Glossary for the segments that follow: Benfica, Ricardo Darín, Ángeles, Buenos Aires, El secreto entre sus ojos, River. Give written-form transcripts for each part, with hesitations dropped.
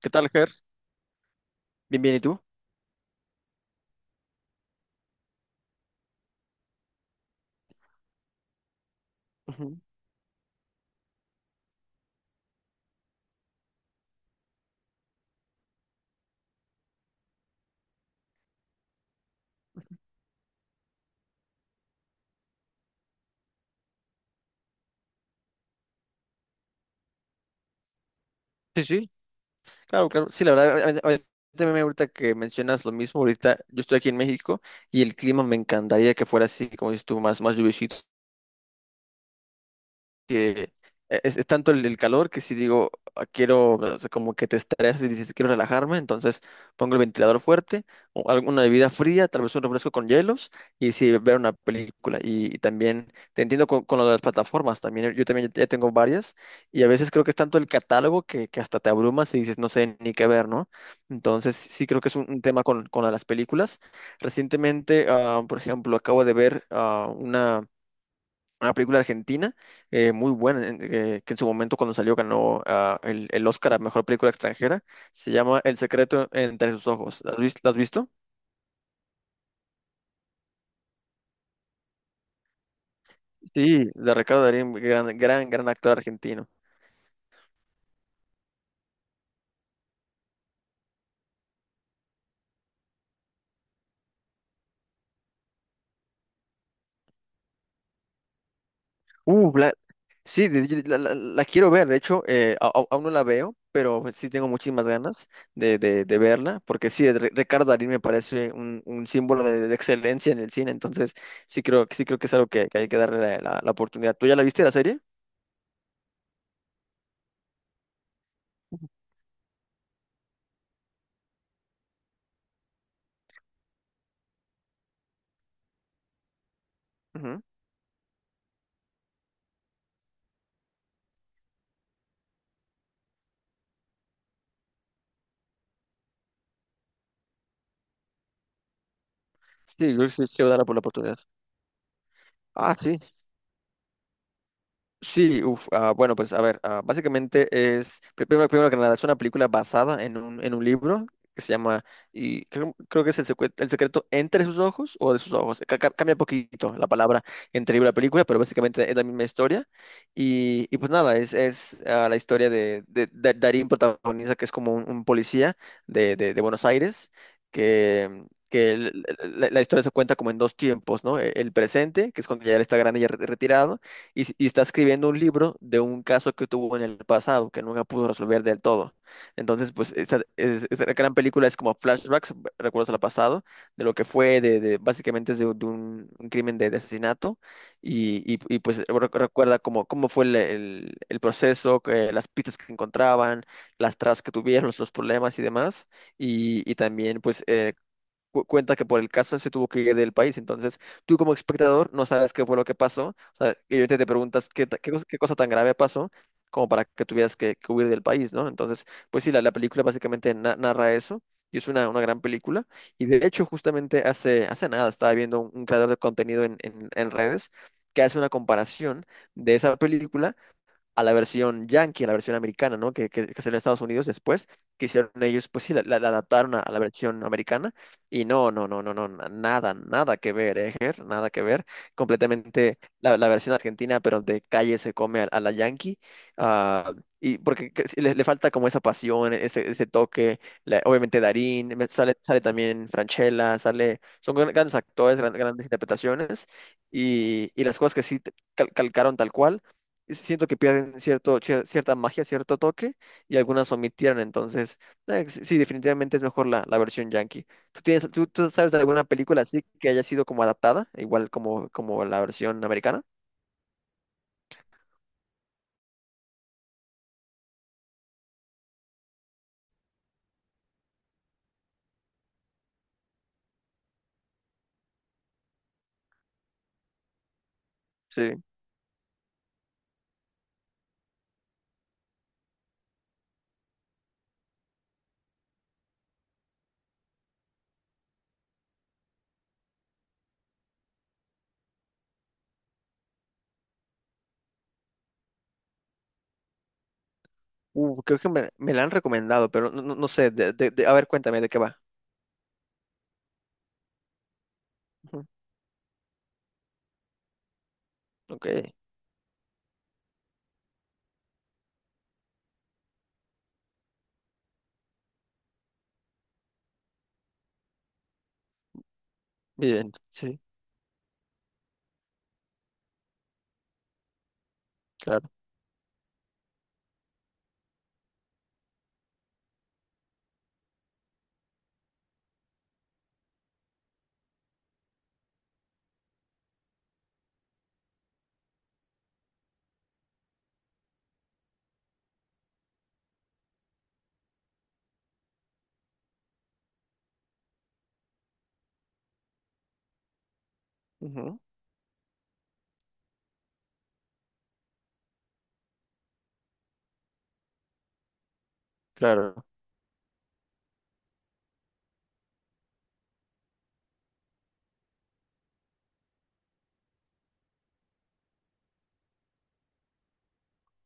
¿Qué tal, Ger? Bien, bien, ¿y tú? Ujú. Sí, sí, claro, claro. Sí, la verdad, ahorita que mencionas lo mismo, ahorita yo estoy aquí en México y el clima me encantaría que fuera así, como dices tú, más lluviosito, que es tanto el calor que si digo, "Ah, quiero, o sea, como que te estresas y dices, quiero relajarme, entonces pongo el ventilador fuerte, o alguna bebida fría, tal vez un refresco con hielos, y si ver una película". Y también te entiendo con, lo de las plataformas, también yo también ya tengo varias, y a veces creo que es tanto el catálogo que hasta te abrumas y dices, no sé ni qué ver, ¿no? Entonces sí creo que es un tema con lo de las películas. Recientemente, por ejemplo, acabo de ver una película argentina muy buena, que en su momento cuando salió ganó, el Oscar a Mejor Película Extranjera. Se llama El secreto entre sus ojos. ¿La has visto? Sí, de Ricardo Darín, gran, gran, gran actor argentino. Uh, la- sí, la quiero ver, de hecho, aún no la veo, pero pues sí tengo muchísimas ganas de verla, porque sí, Ricardo Darín me parece un símbolo de excelencia en el cine, entonces sí creo que es algo que hay que darle la oportunidad. ¿Tú ya la viste la serie? Ujú. Sí, yo creo que sí, sí le voy a dar por la oportunidad. Ah, sí. Sí, uf, bueno, pues a ver, básicamente es, primero que nada, es una película basada en un libro que se llama, y creo que es el secreto entre sus ojos o de sus ojos. Cambia poquito la palabra entre libro y película, pero básicamente es la misma historia. Y pues nada, es la historia de Darín protagonista, que es como un policía de Buenos Aires, que el- la- la historia se cuenta como en dos tiempos, ¿no? El presente, que es cuando ya él está grande y ya retirado, y está escribiendo un libro de un caso que tuvo en el pasado que nunca pudo resolver del todo. Entonces, pues esta gran película es como flashbacks, recuerdos al pasado, de lo que fue, básicamente es de un crimen de asesinato, y, pues recuerda cómo fue el proceso, las pistas que encontraban, las tras que tuvieron, los problemas y demás. Y también pues cuenta que por el caso se tuvo que ir del país. Entonces, tú como espectador no sabes qué fue lo que pasó. O sea, y ahorita te preguntas qué cosa tan grave pasó como para que tuvieras que huir del país, ¿no? Entonces, pues sí, la película básicamente narra eso. Y es una gran película. Y de hecho, justamente hace nada estaba viendo un creador de contenido en redes que hace una comparación de esa película a la versión yankee, a la versión americana, ¿no? Que salió en Estados Unidos después, que hicieron ellos, pues sí, la adaptaron a, la versión americana, y no, no, no, no, no, nada, nada que ver, ¿eh, Ger? Nada que ver, completamente la, versión argentina, pero de calle se come a la yankee, uh, y porque sí, le, falta como esa pasión, ese toque. La, obviamente Darín, sale también Franchella, sale, son grandes actores, grandes interpretaciones, y las cosas que sí calcaron tal cual, siento que pierden cierta magia, cierto toque, y algunas omitieron. Entonces, sí, sí, definitivamente es mejor la versión yankee. ¿Tú tú sabes de alguna película así que haya sido como adaptada, igual como la versión americana? Sí. Creo que me la han recomendado, pero no sé. A ver, cuéntame de qué va. Ujú. Ok, bien, sí, claro. Ujú, claro,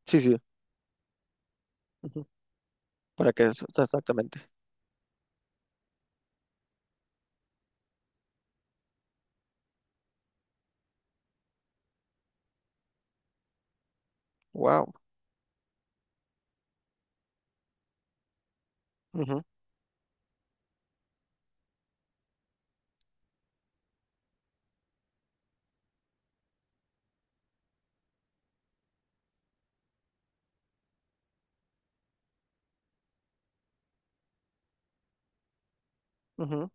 sí, sí. Ujú. Para que eso, exactamente. Wow. Ujú, ujú,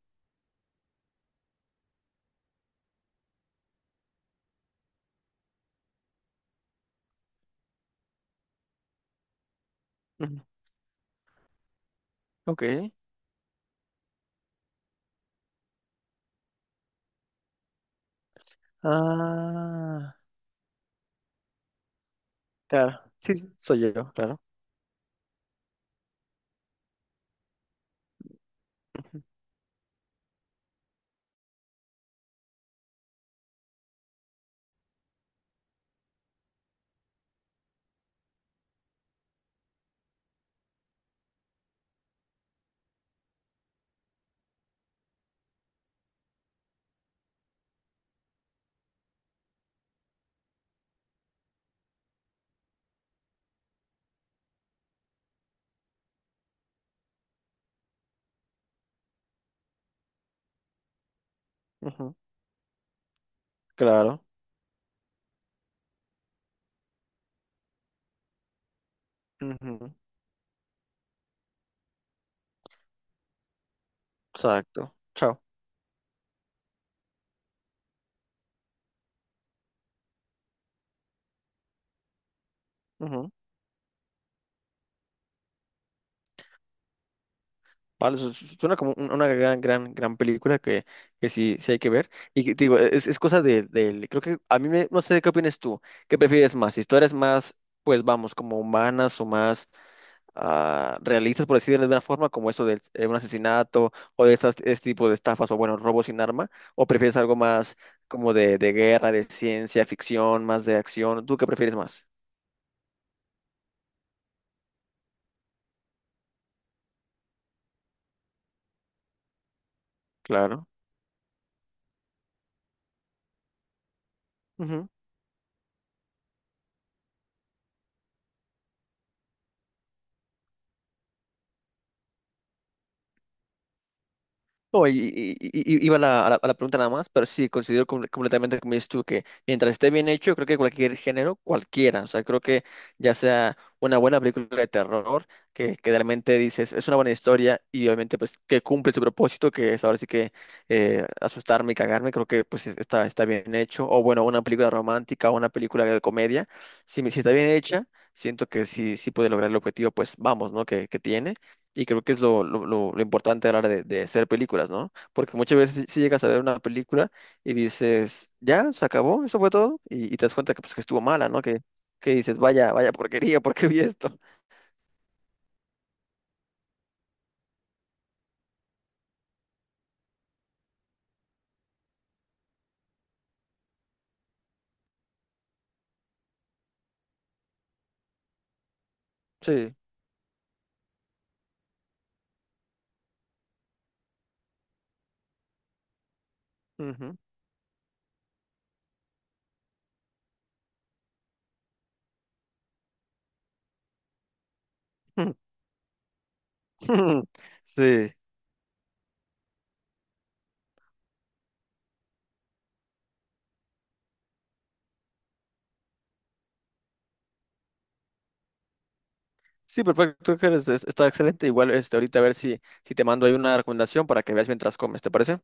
ujú. Ok. Ah. Claro, sí, sí, soy yo, claro. Ujú, ujú, claro, ujú, exacto. Chao. Ujú. Vale, suena como una gran, gran, gran película que sí, sí hay que ver. Y te digo, es cosa de creo que a mí me, no sé qué opinas tú, qué prefieres más, historias más, pues vamos, como humanas o más realistas, por decirlo de alguna forma, como eso de un asesinato o de este tipo de estafas o bueno, robos sin arma, o prefieres algo más como de guerra, de ciencia ficción, más de acción. ¿Tú qué prefieres más? Claro. Ujú. No, y iba a la pregunta nada más, pero sí, considero completamente, como dices tú, que mientras esté bien hecho, creo que cualquier género, cualquiera, o sea, creo que ya sea una buena película de terror, que realmente dices, es una buena historia y obviamente pues que cumple su propósito, que es ahora sí que asustarme y cagarme, creo que pues está bien hecho, o bueno, una película romántica o una película de comedia, si está bien hecha, siento que sí, sí puede lograr el objetivo, pues vamos, ¿no? Que tiene. Y creo que es lo importante a la hora de hacer películas, ¿no? Porque muchas veces si llegas a ver una película y dices, ya, se acabó, eso fue todo, y te das cuenta pues, que estuvo mala, ¿no? Que dices, vaya, vaya porquería, ¿por qué vi esto? Sí. Ujú. Sí. Sí, perfecto, Ángeles, está excelente. Igual, ahorita a ver si te mando ahí una recomendación para que veas mientras comes, ¿te parece?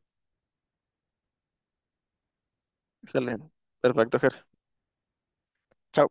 Excelente. Perfecto, Ger. Chao.